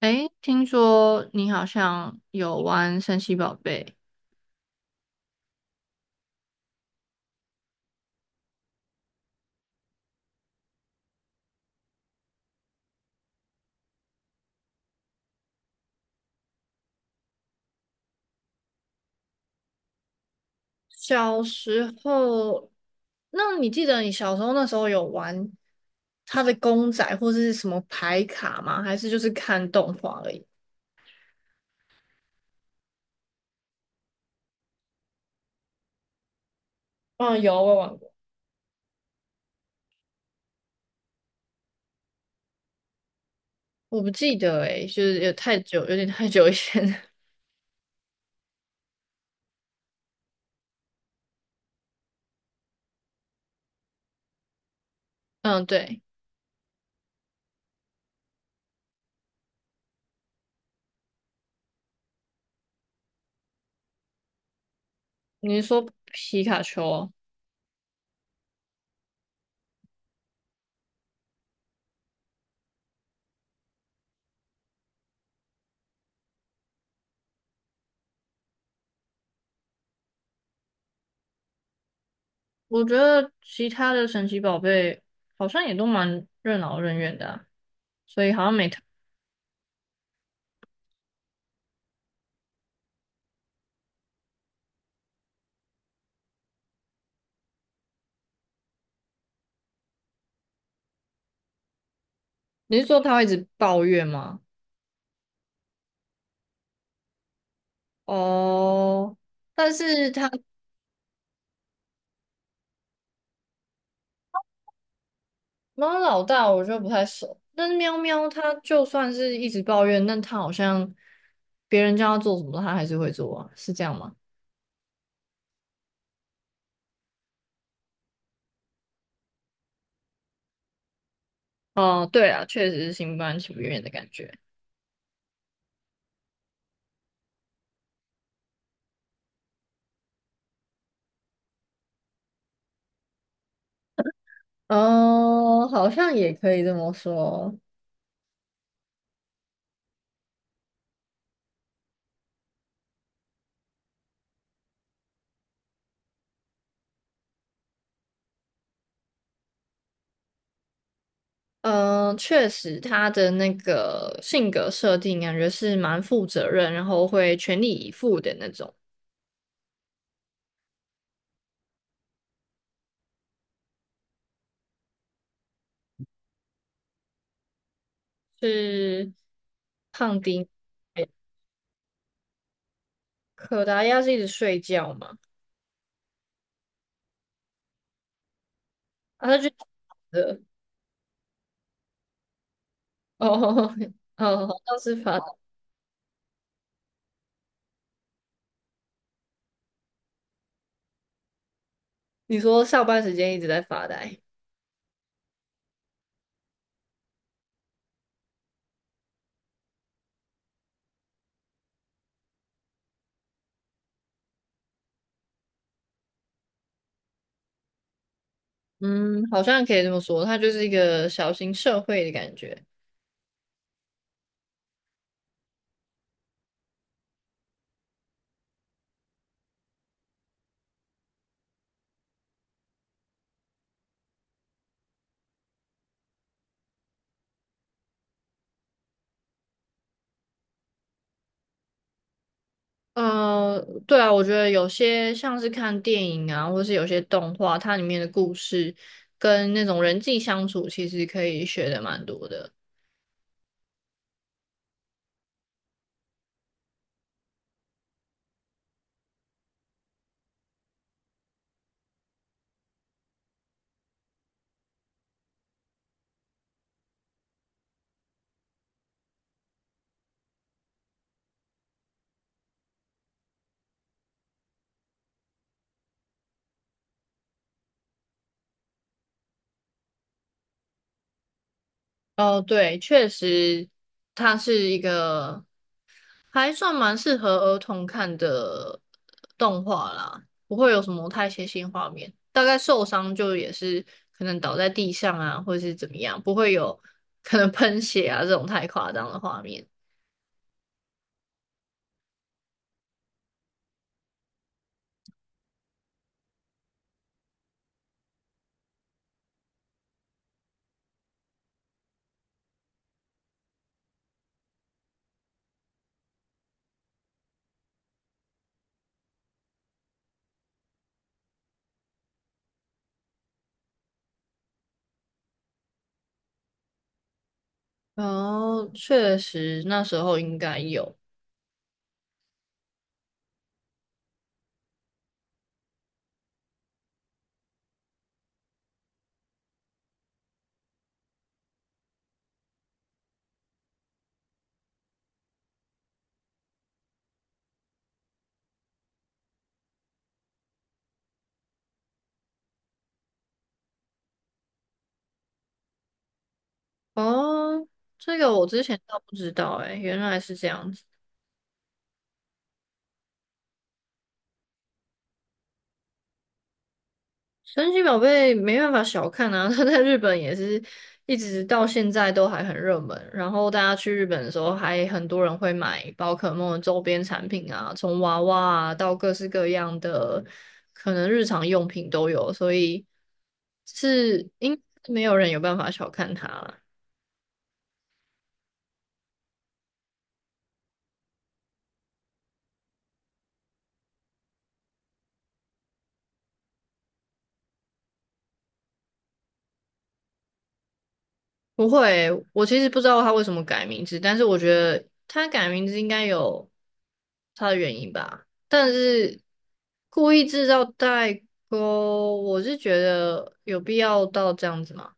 诶，听说你好像有玩神奇宝贝，小时候，那你记得你小时候那时候有玩他的公仔或者是什么牌卡吗？还是就是看动画而已？嗯，有，我有玩过。我不记得诶、就是有太久，有点太久以前了。嗯，对，你是说皮卡丘哦。我觉得其他的神奇宝贝好像也都蛮任劳任怨的啊，所以好像没特。你是说他会一直抱怨吗？哦，但是他猫老大我就不太熟。但是喵喵它就算是一直抱怨，但它好像别人叫它做什么，它还是会做啊，是这样吗？哦，对啊，确实是心不甘情不愿的感觉。哦，好像也可以这么说。嗯，确实，它的那个性格设定感觉是蛮负责任，然后会全力以赴的那种。是胖丁，可达鸭是一直睡觉嘛？啊，他就的哦。哦，好像是发呆。你说上班时间一直在发呆，嗯，好像可以这么说，它就是一个小型社会的感觉。嗯，对啊，我觉得有些像是看电影啊，或是有些动画，它里面的故事跟那种人际相处，其实可以学的蛮多的。哦，对，确实，它是一个。还算蛮适合儿童看的动画啦，不会有什么太血腥画面。大概受伤就也是可能倒在地上啊，或者是怎么样，不会有可能喷血啊这种太夸张的画面。哦，确实那时候应该有。哦，这个我之前倒不知道诶，原来是这样子。神奇宝贝没办法小看啊，它在日本也是一直到现在都还很热门。然后大家去日本的时候，还很多人会买宝可梦的周边产品啊，从娃娃啊到各式各样的可能日常用品都有，所以是应没有人有办法小看它啦。不会，我其实不知道他为什么改名字，但是我觉得他改名字应该有他的原因吧。但是故意制造代沟，我是觉得有必要到这样子吗？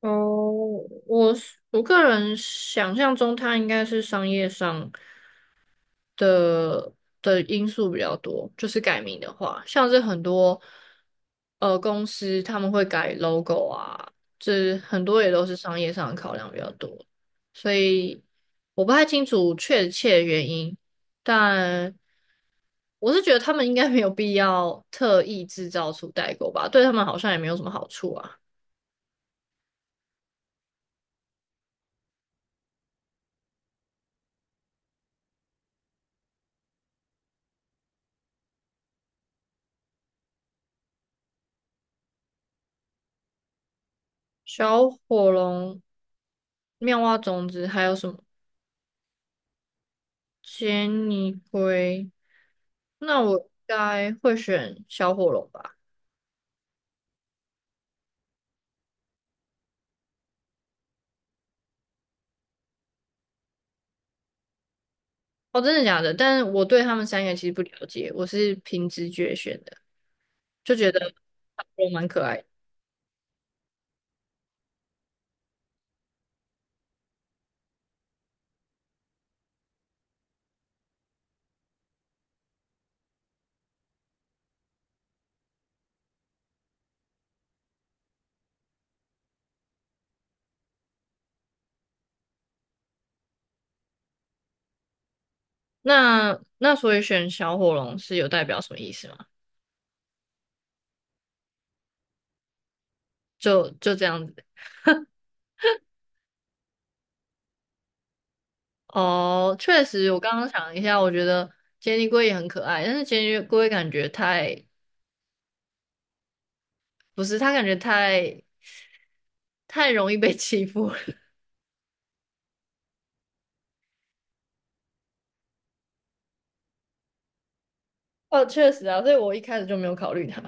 哦，我是我个人想象中，他应该是商业上。的的因素比较多，就是改名的话，像是很多公司他们会改 logo 啊，这很多也都是商业上的考量比较多，所以我不太清楚确切的原因，但我是觉得他们应该没有必要特意制造出代购吧，对他们好像也没有什么好处啊。小火龙、妙蛙种子还有什么？杰尼龟，那我应该会选小火龙吧？哦，真的假的？但是我对他们三个其实不了解，我是凭直觉选的，就觉得小火龙蛮可爱的。那那所以选小火龙是有代表什么意思吗？就就这样子。哦，确实，我刚刚想了一下，我觉得杰尼龟也很可爱，但是杰尼龟感觉太，不是，它感觉太容易被欺负了。哦，确实啊，所以我一开始就没有考虑它。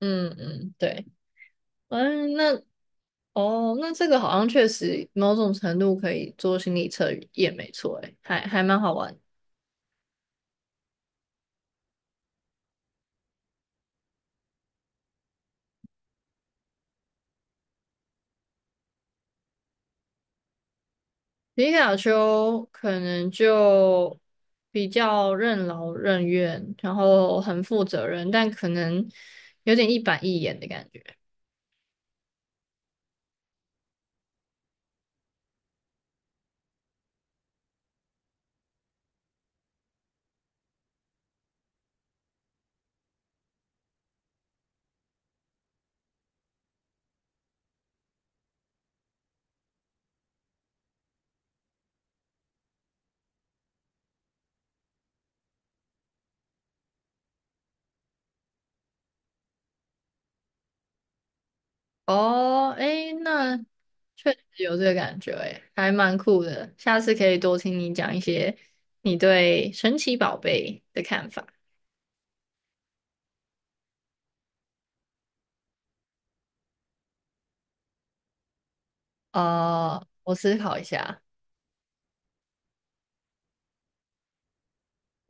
嗯嗯，对。嗯，那哦，那这个好像确实某种程度可以做心理测验，没错，诶，还蛮好玩。皮卡丘可能就比较任劳任怨，然后很负责任，但可能有点一板一眼的感觉。哦，诶，那确实有这个感觉，诶，还蛮酷的。下次可以多听你讲一些你对神奇宝贝的看法。呃，我思考一下。